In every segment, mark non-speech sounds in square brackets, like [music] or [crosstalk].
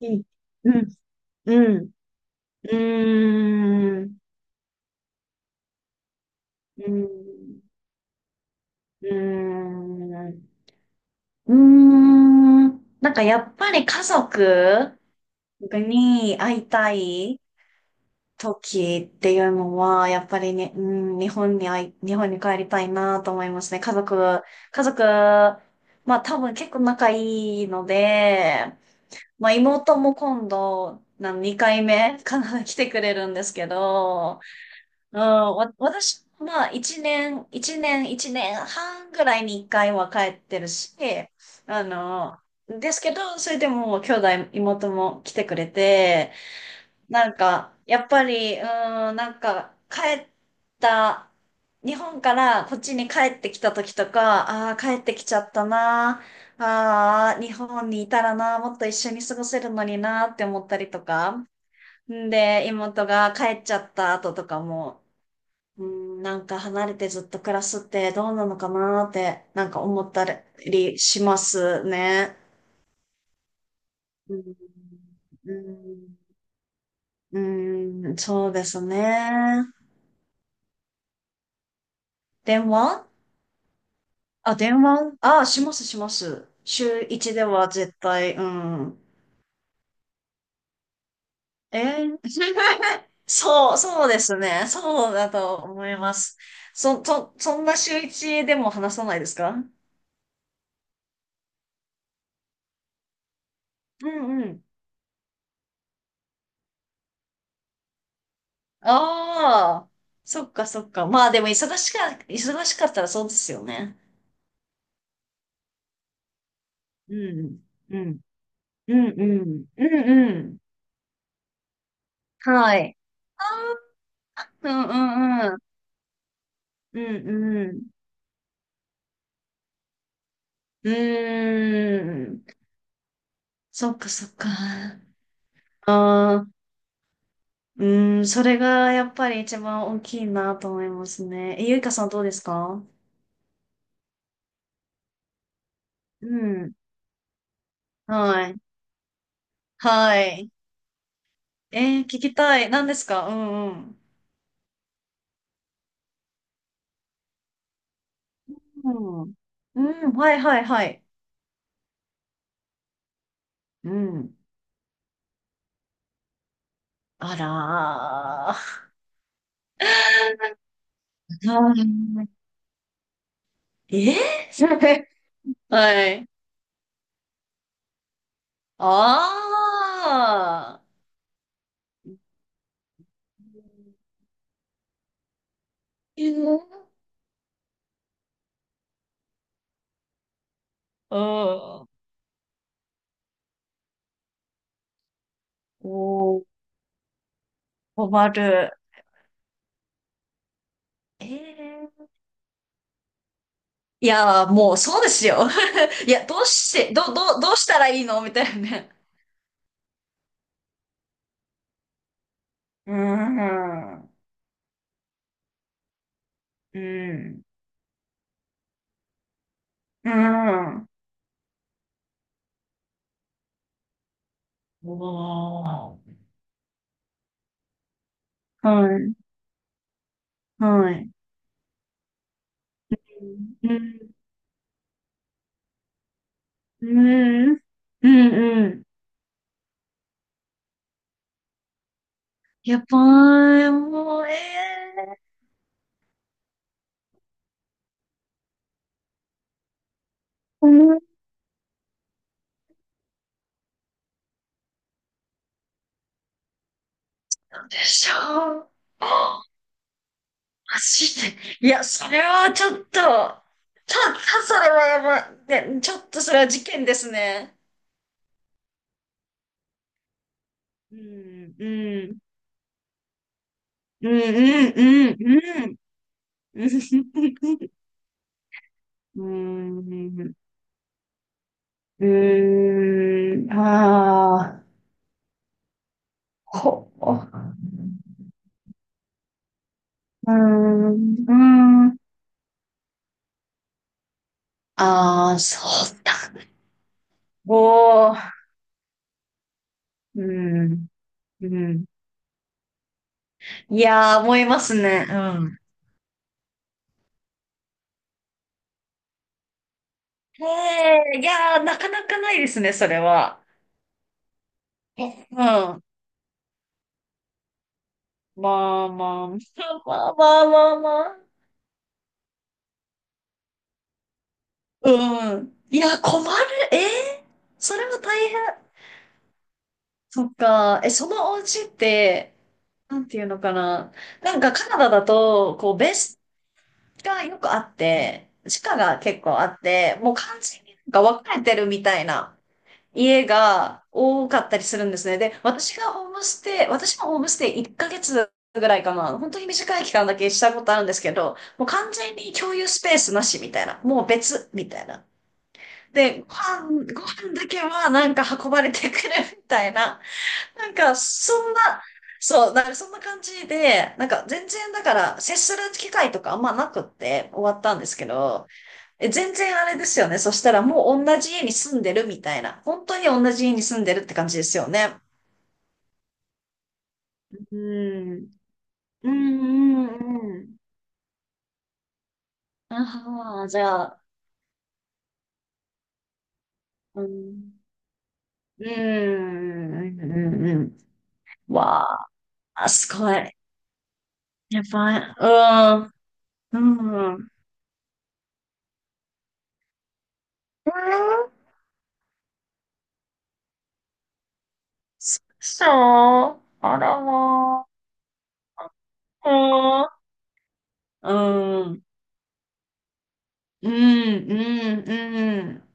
いい。うん、うん、うーん、うーん、うーん、なんかやっぱり家族に会いたい時っていうのは、やっぱりね、うん、日本に帰りたいなと思いますね。家族、家族、まあ多分結構仲いいので、まあ妹も今度、2回目かな、来てくれるんですけど、うん、私、まあ、一年半ぐらいに一回は帰ってるし、あの、ですけど、それでも兄弟、妹も来てくれて、なんか、やっぱり、うん、なんか、帰った、日本からこっちに帰ってきた時とか、ああ、帰ってきちゃったな、ああ、日本にいたらな、もっと一緒に過ごせるのになって思ったりとか、んで、妹が帰っちゃった後とかも、うん、なんか離れてずっと暮らすってどうなのかなーって、なんか思ったりしますね。うん、うん、うんそうですね。電話電話、あ、しますします。週一では絶対、うん。えー [laughs] そう、そうですね。そうだと思います。そんな週一でも話さないですか？うんうん。ああ、そっかそっか。まあでも忙しか、忙しかったらそうですよね。うん、うん、うん、うん、うん、うん。はい。うん、うん、うん、うん、うん。うーん、そっかそっか。ああ、うん、それがやっぱり一番大きいなと思いますね。え、ゆいかさんどうですか？うん、はい、はい。えー聞きたい。何ですか？うん、うん。うん、うん、はい、はい、はい。うん。あらー。[laughs] あーえー [laughs] はい。ああ。えーうん。おー、困る。えーいやー、もうそうですよ。[laughs] いや、どうしたらいいのみたいなね。うーん。うーん。うーん。おー。はい。はい。うん。うん。うん。うん。やばい、もう、ええー、思ったでしょう。あ、マジで。いや、それはちょっと、ちょっと、それはやばい。ね、ちょっとそれは事件ですね。うん、うん、うん、うん、うん、うん、うーん、うーん、ああ、うーん、うーん、ああ、そうだ。おー、うん、うん。いやー、思いますね。うん。へえ、いやー、なかなかないですね、それは。うん。まあまあ、まあまあまあまあ。うん。いや、困る。えー、それは大変。そっか。え、そのお家って、なんていうのかな。なんかカナダだと、こう、ベースがよくあって、地下が結構あって、もう完全になんか分かれてるみたいな家が多かったりするんですね。で、私もホームステイ1ヶ月ぐらいかな。本当に短い期間だけしたことあるんですけど、もう完全に共有スペースなしみたいな。もう別みたいな。で、ご飯だけはなんか運ばれてくるみたいな。なんかそんな、そう、なんかそんな感じで、なんか全然だから接する機会とかあんまなくって終わったんですけど、え、全然あれですよね。そしたらもう同じ家に住んでるみたいな。本当に同じ家に住んでるって感じですよね。うん。うんうんうん。ああ、じゃあ、うん。うんうんうんうん。わあ、すごい。やばい。うん。うん。うんそう。あらまあ。うん。うん。うん。うん。う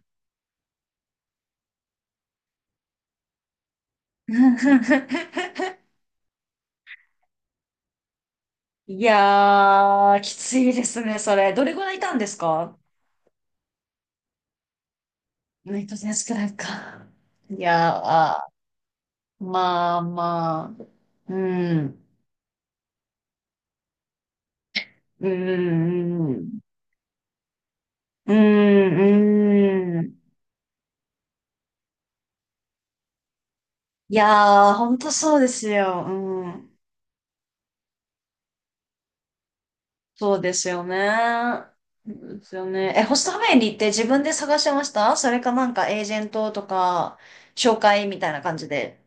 ん。[laughs] いやー、きついですね、それ。どれぐらいいたんですか？ネット選手くらいか。いやー、あまあまあ、うん、うん、うん、うん、うん。いやー、ほんとそうですよ。うん、そうですよね。そうですよね。え、ホストファミリーって自分で探してました？それかなんかエージェントとか、紹介みたいな感じで。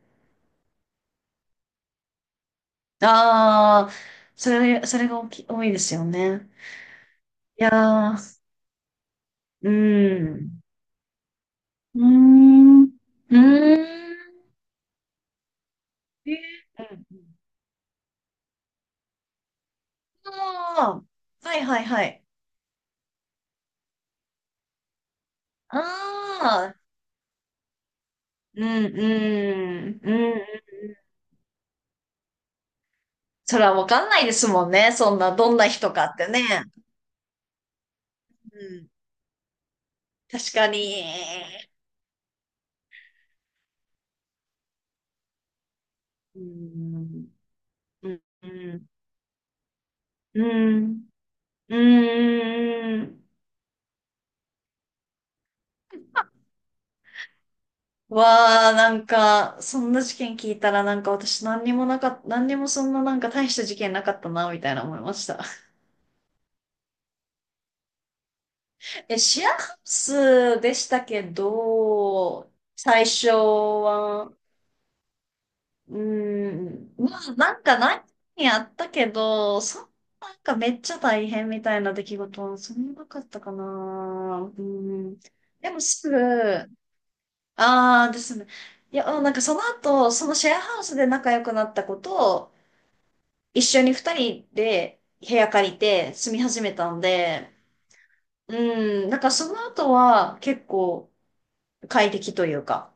あー、それが大き多いですよね。いやー、うん。うーん。うーん。えーうんうんああ、はいはいはい。ああ、うん、うん、うん。それはわかんないですもんね。そんな、どんな人かってね。うん、確かに。うん、うん、うん、うん。うんわあ、なんか、そんな事件聞いたら、なんか私何にもなかった、何にもそんななんか大した事件なかったな、みたいな思いました。え、シェアハウスでしたけど、最初は、うん、まあなんか何やったけど、そんななんかめっちゃ大変みたいな出来事はそんななかったかな。うん。でもすぐ、ああですね。いや、なんかその後、そのシェアハウスで仲良くなった子と、一緒に二人で部屋借りて住み始めたんで、うん、なんかその後は結構、快適というか、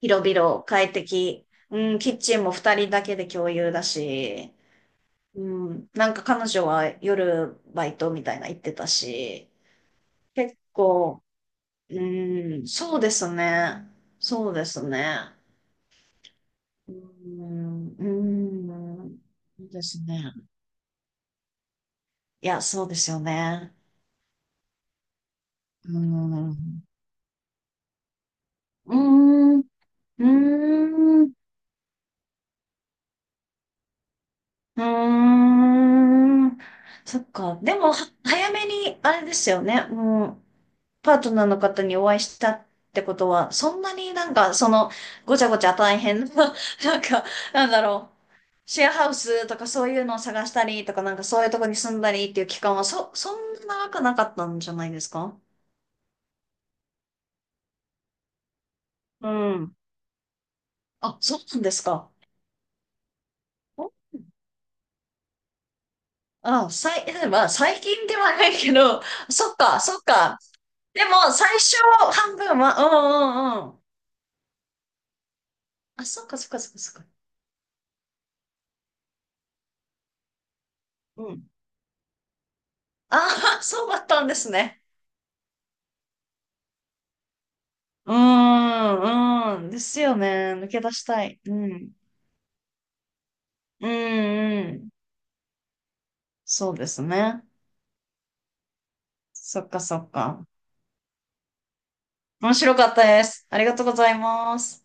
広々快適。うん、キッチンも二人だけで共有だし、うん、なんか彼女は夜バイトみたいな言ってたし、結構、うん、そうですね。そうですね。うん、うん、そうですね。いや、そうですよね。うん、うん、うん。うーん。そっか。でも、早めに、あれですよね。もう、パートナーの方にお会いしたってことは、そんなになんか、その、ごちゃごちゃ大変な、[laughs] なんか、なんだろう。シェアハウスとかそういうのを探したりとか、なんかそういうとこに住んだりっていう期間は、そんな長くなかったんじゃないですか？うん。あ、そうなんですか。おあ、まあ、最近ではないけど、そっか、そっか。でも、最初半分は、うんうんうん。あ、そっかそっかそっかそっか。うん。ああ、[laughs] そうだったんですね。うーん、うん。ですよね。抜け出したい。うん。うん、うん。そうですね。そっかそっか。面白かったです。ありがとうございます。